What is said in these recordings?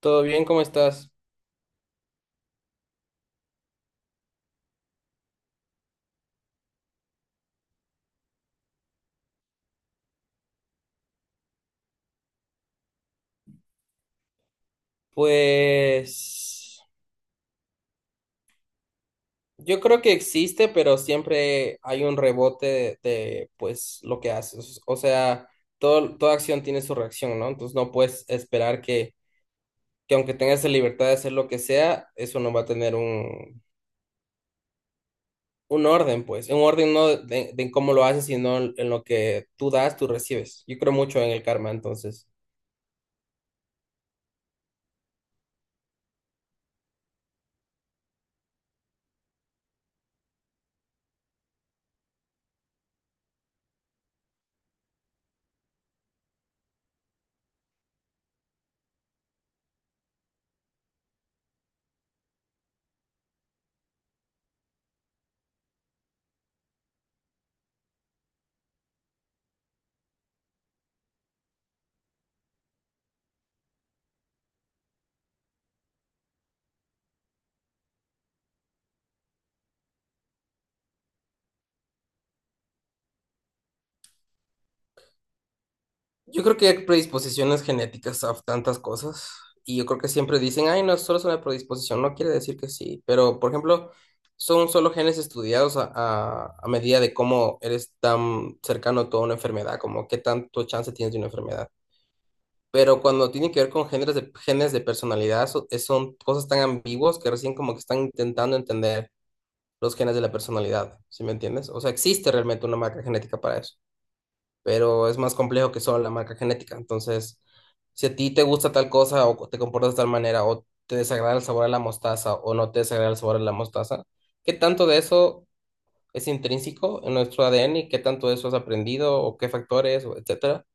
¿Todo bien? ¿Cómo estás? Pues yo creo que existe, pero siempre hay un rebote pues lo que haces. O sea, toda acción tiene su reacción, ¿no? Entonces no puedes esperar que aunque tengas la libertad de hacer lo que sea, eso no va a tener un orden, pues. Un orden no de cómo lo haces, sino en lo que tú das, tú recibes. Yo creo mucho en el karma, entonces. Yo creo que hay predisposiciones genéticas a tantas cosas y yo creo que siempre dicen, ay, no, solo es una predisposición, no quiere decir que sí, pero por ejemplo, son solo genes estudiados a medida de cómo eres tan cercano a toda una enfermedad, como qué tanto chance tienes de una enfermedad. Pero cuando tiene que ver con genes de personalidad, son cosas tan ambiguas que recién como que están intentando entender los genes de la personalidad, ¿sí me entiendes? O sea, existe realmente una marca genética para eso, pero es más complejo que solo la marca genética, entonces si a ti te gusta tal cosa o te comportas de tal manera o te desagrada el sabor de la mostaza o no te desagrada el sabor de la mostaza, ¿qué tanto de eso es intrínseco en nuestro ADN y qué tanto de eso has aprendido o qué factores, o etcétera?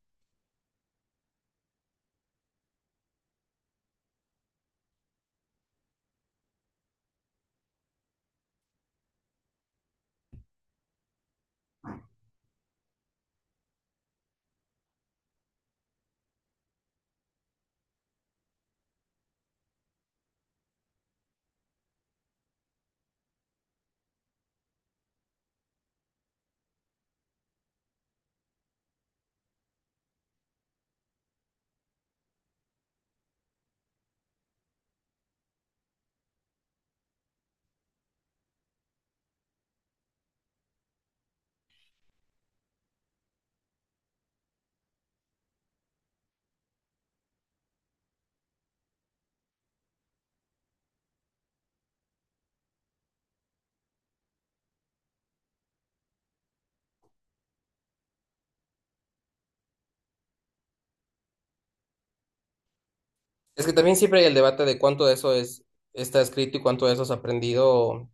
Es que también siempre hay el debate de cuánto de eso es, está escrito y cuánto de eso has aprendido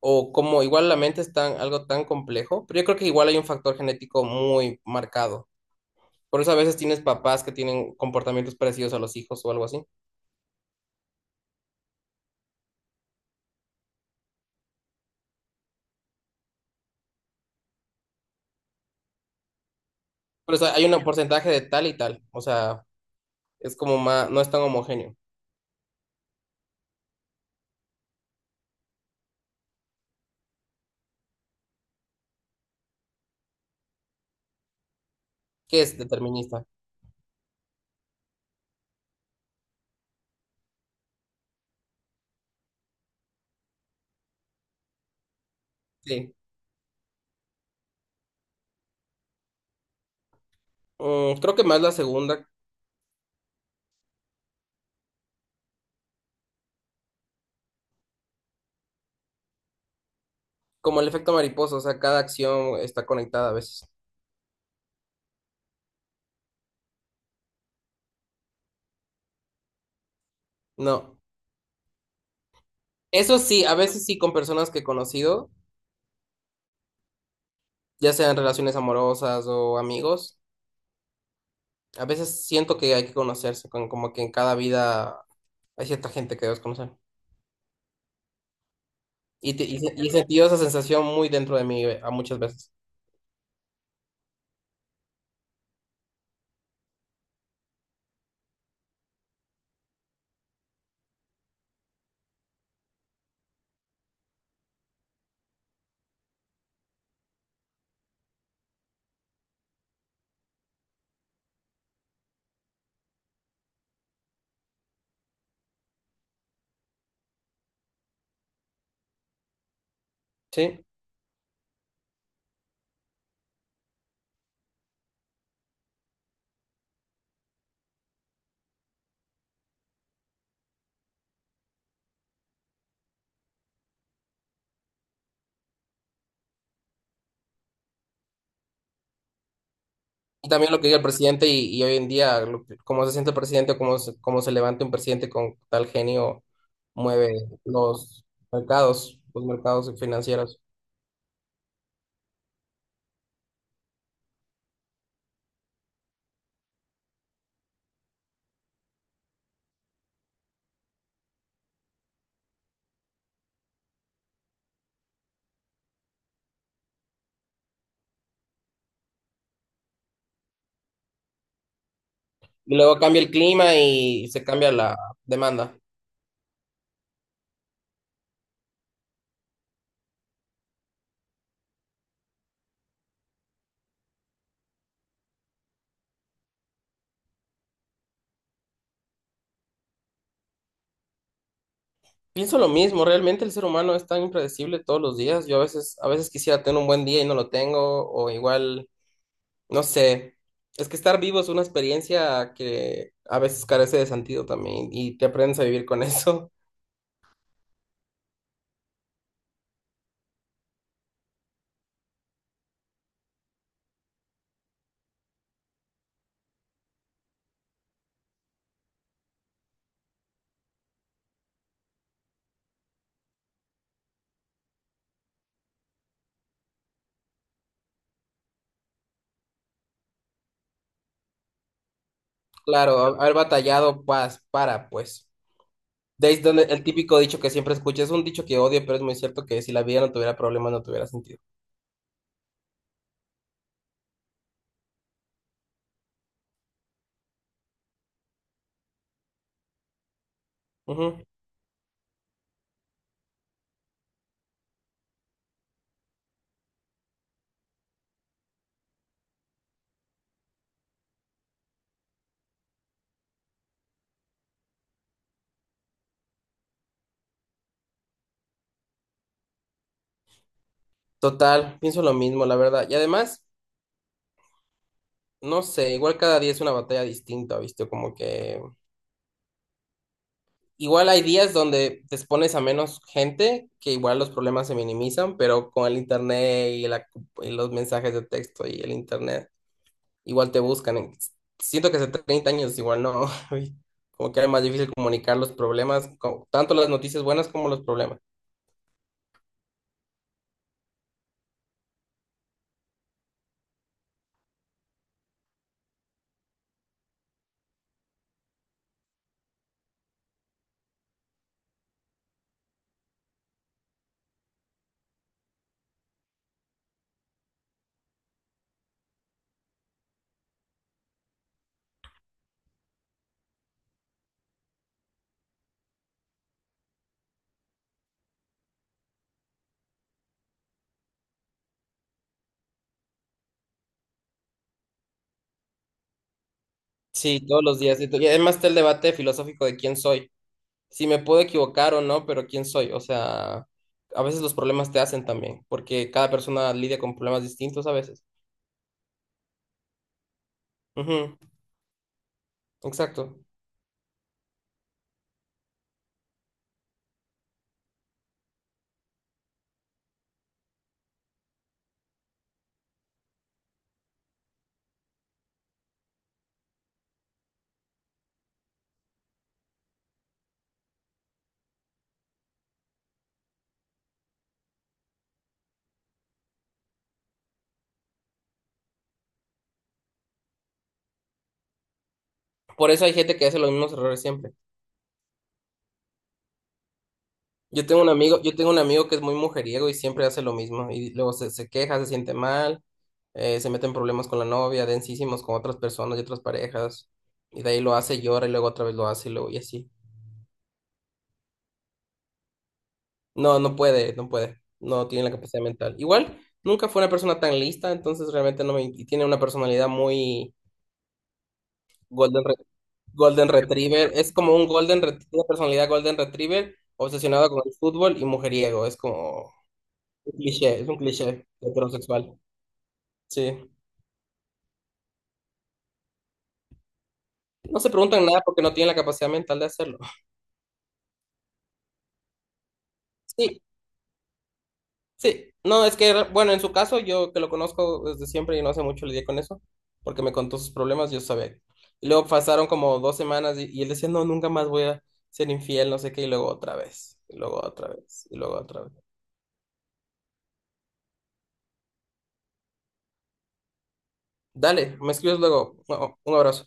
o cómo igual la mente es tan, algo tan complejo, pero yo creo que igual hay un factor genético muy marcado. Por eso a veces tienes papás que tienen comportamientos parecidos a los hijos o algo así. Por eso hay un porcentaje de tal y tal. O sea, es como más, no es tan homogéneo, que es determinista. Sí. Mm, creo que más la segunda, como el efecto mariposa, o sea, cada acción está conectada a veces. No. Eso sí, a veces sí con personas que he conocido, ya sean relaciones amorosas o amigos, a veces siento que hay que conocerse, con, como que en cada vida hay cierta gente que debes conocer. Y he sentido esa sensación muy dentro de mí a muchas veces. Sí. Y también lo que diga el presidente y hoy en día, cómo se siente el presidente, cómo se levanta un presidente con tal genio, mueve los los mercados financieros. Y luego cambia el clima y se cambia la demanda. Pienso lo mismo, realmente el ser humano es tan impredecible todos los días. A veces quisiera tener un buen día y no lo tengo, o igual, no sé. Es que estar vivo es una experiencia que a veces carece de sentido también y te aprendes a vivir con eso. Claro, haber batallado paz para, pues. De ahí es donde el típico dicho que siempre escucho, es un dicho que odio, pero es muy cierto que si la vida no tuviera problemas, no tuviera sentido. Ujú. Total, pienso lo mismo, la verdad. Y además, no sé, igual cada día es una batalla distinta, ¿viste? Como que igual hay días donde te expones a menos gente, que igual los problemas se minimizan, pero con el internet y los mensajes de texto y el internet. Igual te buscan. Siento que hace 30 años igual no, uy, como que era más difícil comunicar los problemas, tanto las noticias buenas como los problemas. Sí, todos los días. Y además está el debate filosófico de quién soy. Si me puedo equivocar o no, pero quién soy. O sea, a veces los problemas te hacen también, porque cada persona lidia con problemas distintos a veces. Ujú, exacto. Por eso hay gente que hace los mismos errores siempre. Yo tengo un amigo que es muy mujeriego y siempre hace lo mismo. Y luego se queja, se siente mal, se mete en problemas con la novia, densísimos con otras personas y otras parejas. Y de ahí lo hace, llora y luego otra vez lo hace y luego y así. No puede. No tiene la capacidad mental. Igual, nunca fue una persona tan lista, entonces realmente no me... Y tiene una personalidad muy golden, re- golden retriever. Es como un una personalidad golden retriever obsesionado con el fútbol y mujeriego. Es como un cliché, es un cliché heterosexual. Sí, no se preguntan nada porque no tienen la capacidad mental de hacerlo. Sí, sí, no, es que, bueno, en su caso, yo que lo conozco desde siempre y no hace mucho lidié con eso, porque me contó sus problemas, yo sabía. Y luego pasaron como 2 semanas y él decía, no, nunca más voy a ser infiel, no sé qué, y luego otra vez, y luego otra vez, y luego otra vez. Dale, me escribes luego. Un abrazo.